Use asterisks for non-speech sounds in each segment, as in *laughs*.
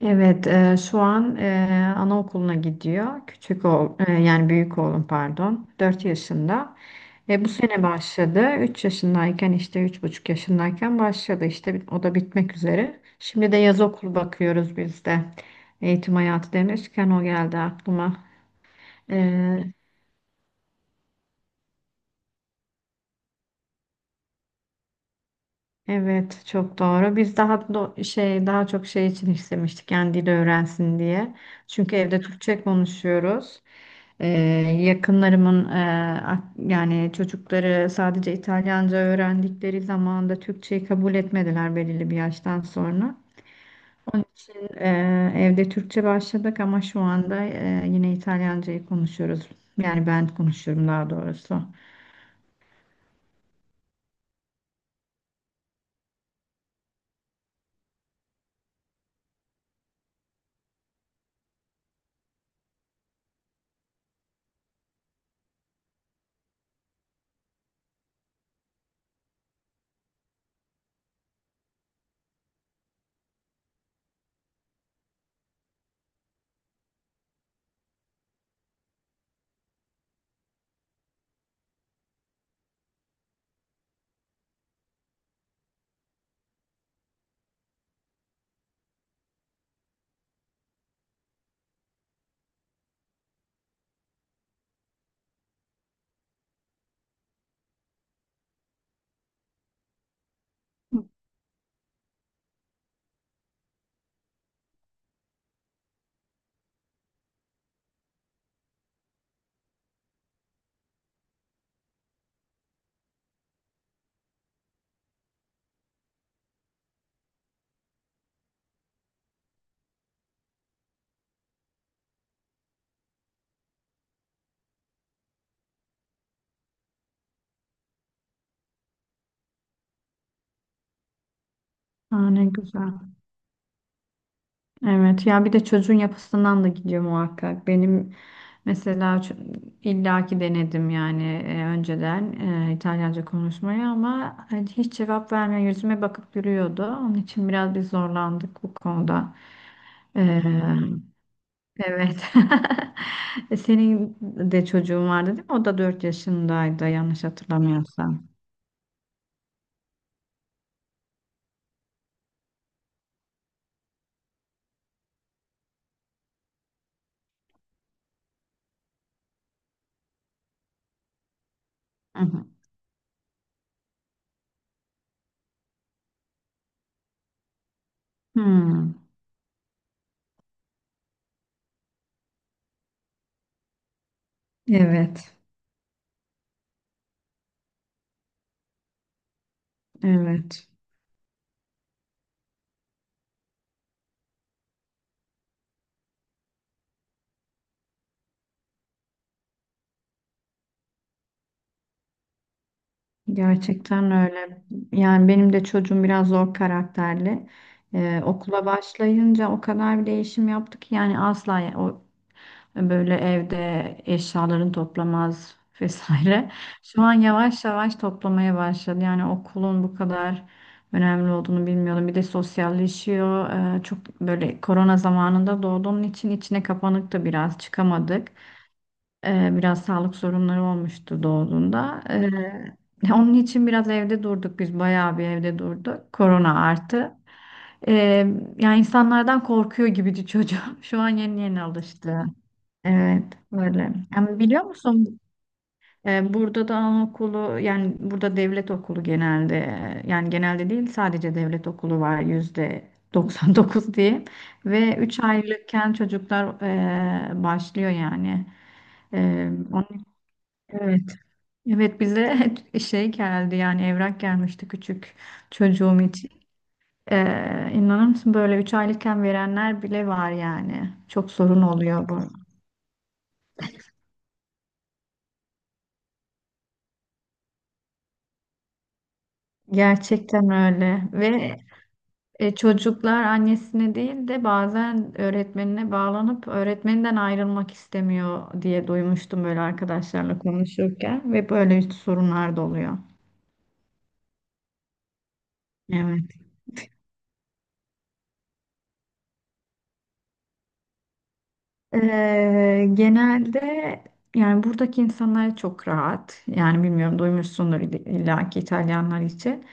Evet, şu an anaokuluna gidiyor. Küçük oğul, yani büyük oğlum pardon, 4 yaşında. Bu sene başladı. 3 yaşındayken işte 3,5 yaşındayken başladı. İşte o da bitmek üzere. Şimdi de yaz okulu bakıyoruz biz de. Eğitim hayatı demişken o geldi aklıma. Evet, çok doğru. Biz daha çok şey için istemiştik yani dil öğrensin diye. Çünkü evde Türkçe konuşuyoruz. Ee, yakınlarımın yani çocukları sadece İtalyanca öğrendikleri zaman da Türkçeyi kabul etmediler belirli bir yaştan sonra. Onun için evde Türkçe başladık ama şu anda yine İtalyancayı konuşuyoruz. Yani ben konuşuyorum daha doğrusu. Aa, ne güzel. Evet ya bir de çocuğun yapısından da gidiyor muhakkak. Benim mesela illaki denedim yani önceden İtalyanca konuşmayı ama hani hiç cevap vermiyor yüzüme bakıp duruyordu. Onun için biraz biz zorlandık bu konuda. E, evet. *laughs* Senin de çocuğun vardı değil mi? O da 4 yaşındaydı yanlış hatırlamıyorsam. Hı hı. Hmm, evet. Evet. Gerçekten öyle. Yani benim de çocuğum biraz zor karakterli. Okula başlayınca o kadar bir değişim yaptı ki yani asla o böyle evde eşyalarını toplamaz *laughs* vesaire. Şu an yavaş yavaş toplamaya başladı. Yani okulun bu kadar önemli olduğunu bilmiyordum. Bir de sosyalleşiyor. Çok böyle korona zamanında doğduğunun için içine kapanık da biraz çıkamadık. Biraz sağlık sorunları olmuştu doğduğunda. Onun için biraz evde durduk biz bayağı bir evde durduk. Korona artı. Ee, yani insanlardan korkuyor gibiydi çocuğum. *laughs* Şu an yeni yeni alıştı. Evet böyle. Yani biliyor musun burada da anaokulu yani burada devlet okulu genelde yani genelde değil sadece devlet okulu var %99 diye *laughs* ve 3 aylıkken çocuklar başlıyor yani. Ee, Evet. Evet bize *laughs* şey geldi yani evrak gelmişti küçük çocuğum için. İnanır mısın böyle 3 aylıkken verenler bile var yani. Çok sorun oluyor bu. Gerçekten öyle ve çocuklar annesine değil de bazen öğretmenine bağlanıp öğretmeninden ayrılmak istemiyor diye duymuştum böyle arkadaşlarla konuşurken ve böyle sorunlar da oluyor. Evet. Genelde yani buradaki insanlar çok rahat. Yani bilmiyorum duymuşsundur illa ki İtalyanlar için.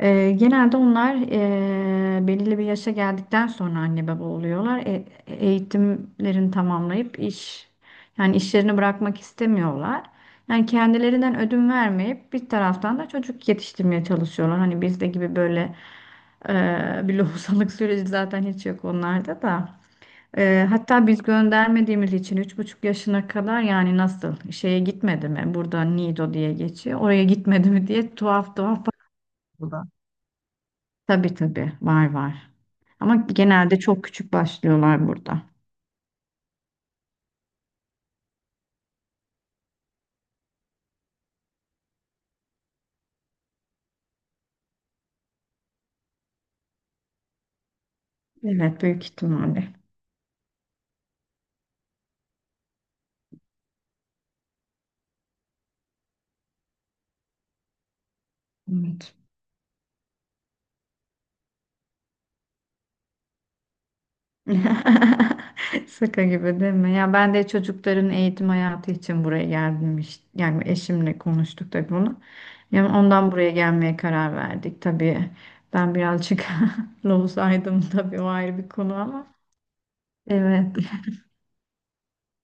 Genelde onlar belirli bir yaşa geldikten sonra anne baba oluyorlar. Eğitimlerini tamamlayıp yani işlerini bırakmak istemiyorlar. Yani kendilerinden ödün vermeyip bir taraftan da çocuk yetiştirmeye çalışıyorlar. Hani bizde gibi böyle bir lohusalık *laughs* süreci zaten hiç yok onlarda da. Hatta biz göndermediğimiz için 3,5 yaşına kadar yani nasıl şeye gitmedi mi? Burada Nido diye geçiyor. Oraya gitmedi mi diye tuhaf tuhaf bakıyorlar. Tabii tabii var var. Ama genelde çok küçük başlıyorlar burada. Evet büyük ihtimalle. Evet. *laughs* Şaka gibi değil mi? Ya ben de çocukların eğitim hayatı için buraya geldim işte. Yani eşimle konuştuk tabii bunu. Yani ondan buraya gelmeye karar verdik tabii. Ben birazcık *laughs* lozaydım tabii o ayrı bir konu ama. Evet.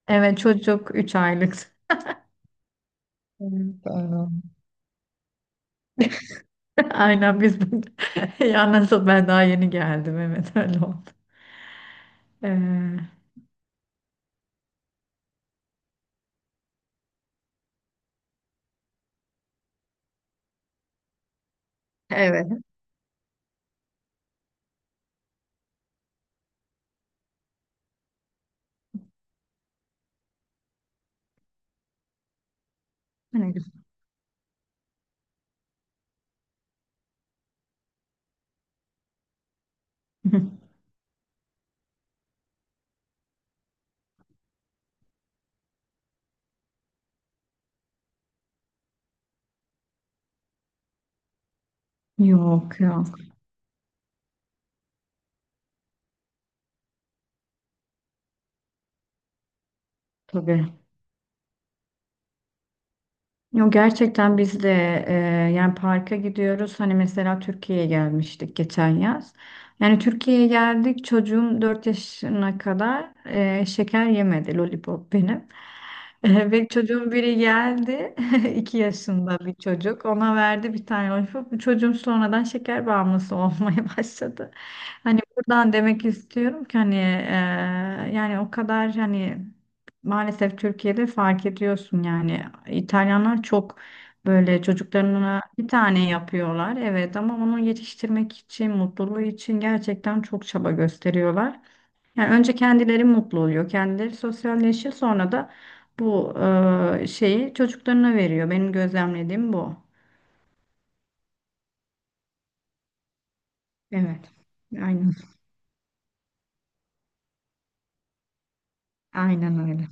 Evet çocuk 3 aylık. Evet, aynen. *laughs* Aynen biz *laughs* ya nasıl ben daha yeni geldim evet öyle oldu. Ee, evet. Ne güzel. *laughs* Yok yok. Tabii. Gerçekten biz de e, yani parka gidiyoruz. Hani mesela Türkiye'ye gelmiştik geçen yaz. Yani Türkiye'ye geldik çocuğum 4 yaşına kadar şeker yemedi lollipop benim. Ve çocuğun biri geldi *laughs* 2 yaşında bir çocuk ona verdi bir tane lollipop. Bu çocuğum sonradan şeker bağımlısı *laughs* olmaya başladı. Hani buradan demek istiyorum ki hani yani o kadar hani maalesef Türkiye'de fark ediyorsun yani İtalyanlar çok böyle çocuklarına bir tane yapıyorlar evet ama onu yetiştirmek için mutluluğu için gerçekten çok çaba gösteriyorlar. Yani önce kendileri mutlu oluyor kendileri sosyalleşiyor sonra da bu şeyi çocuklarına veriyor benim gözlemlediğim bu. Evet aynen aynen öyle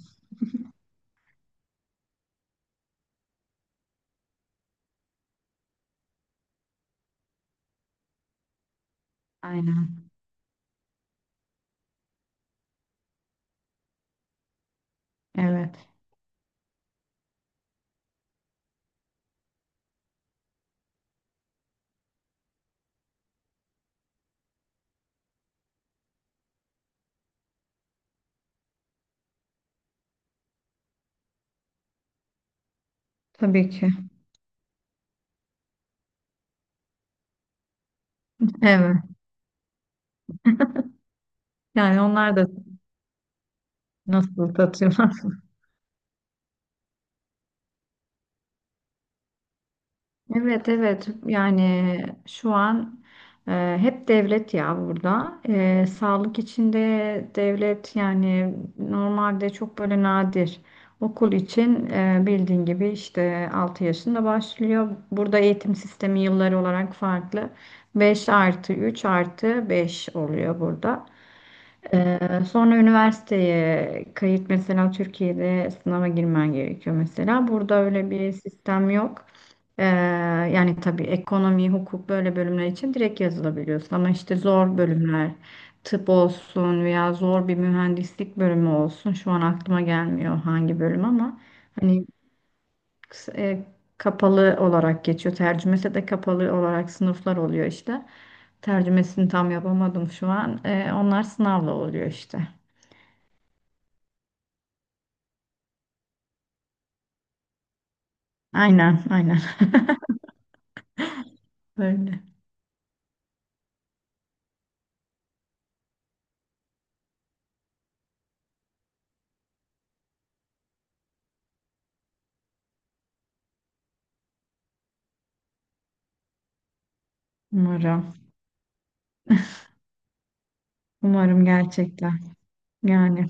aynen evet tabii ki evet yani onlar da nasıl tatıyorlar. Evet evet yani şu an hep devlet ya burada. Sağlık içinde devlet yani normalde çok böyle nadir okul için bildiğin gibi işte 6 yaşında başlıyor burada eğitim sistemi yılları olarak farklı 5+3+5 oluyor burada. E, sonra üniversiteye kayıt mesela Türkiye'de sınava girmen gerekiyor mesela burada öyle bir sistem yok. Ee, yani tabii ekonomi, hukuk böyle bölümler için direkt yazılabiliyorsun. Ama işte zor bölümler, tıp olsun veya zor bir mühendislik bölümü olsun. Şu an aklıma gelmiyor hangi bölüm ama hani e, kapalı olarak geçiyor. Tercümesi de kapalı olarak sınıflar oluyor işte. Tercümesini tam yapamadım şu an. Onlar sınavla oluyor işte. Aynen, aynen. *laughs* Böyle. Umarım. Umarım gerçekten. Yani.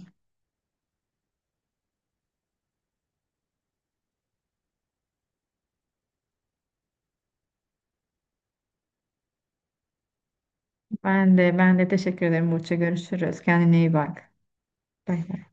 Ben de ben de teşekkür ederim Burç'a. Görüşürüz. Kendine iyi bak. Bay bay.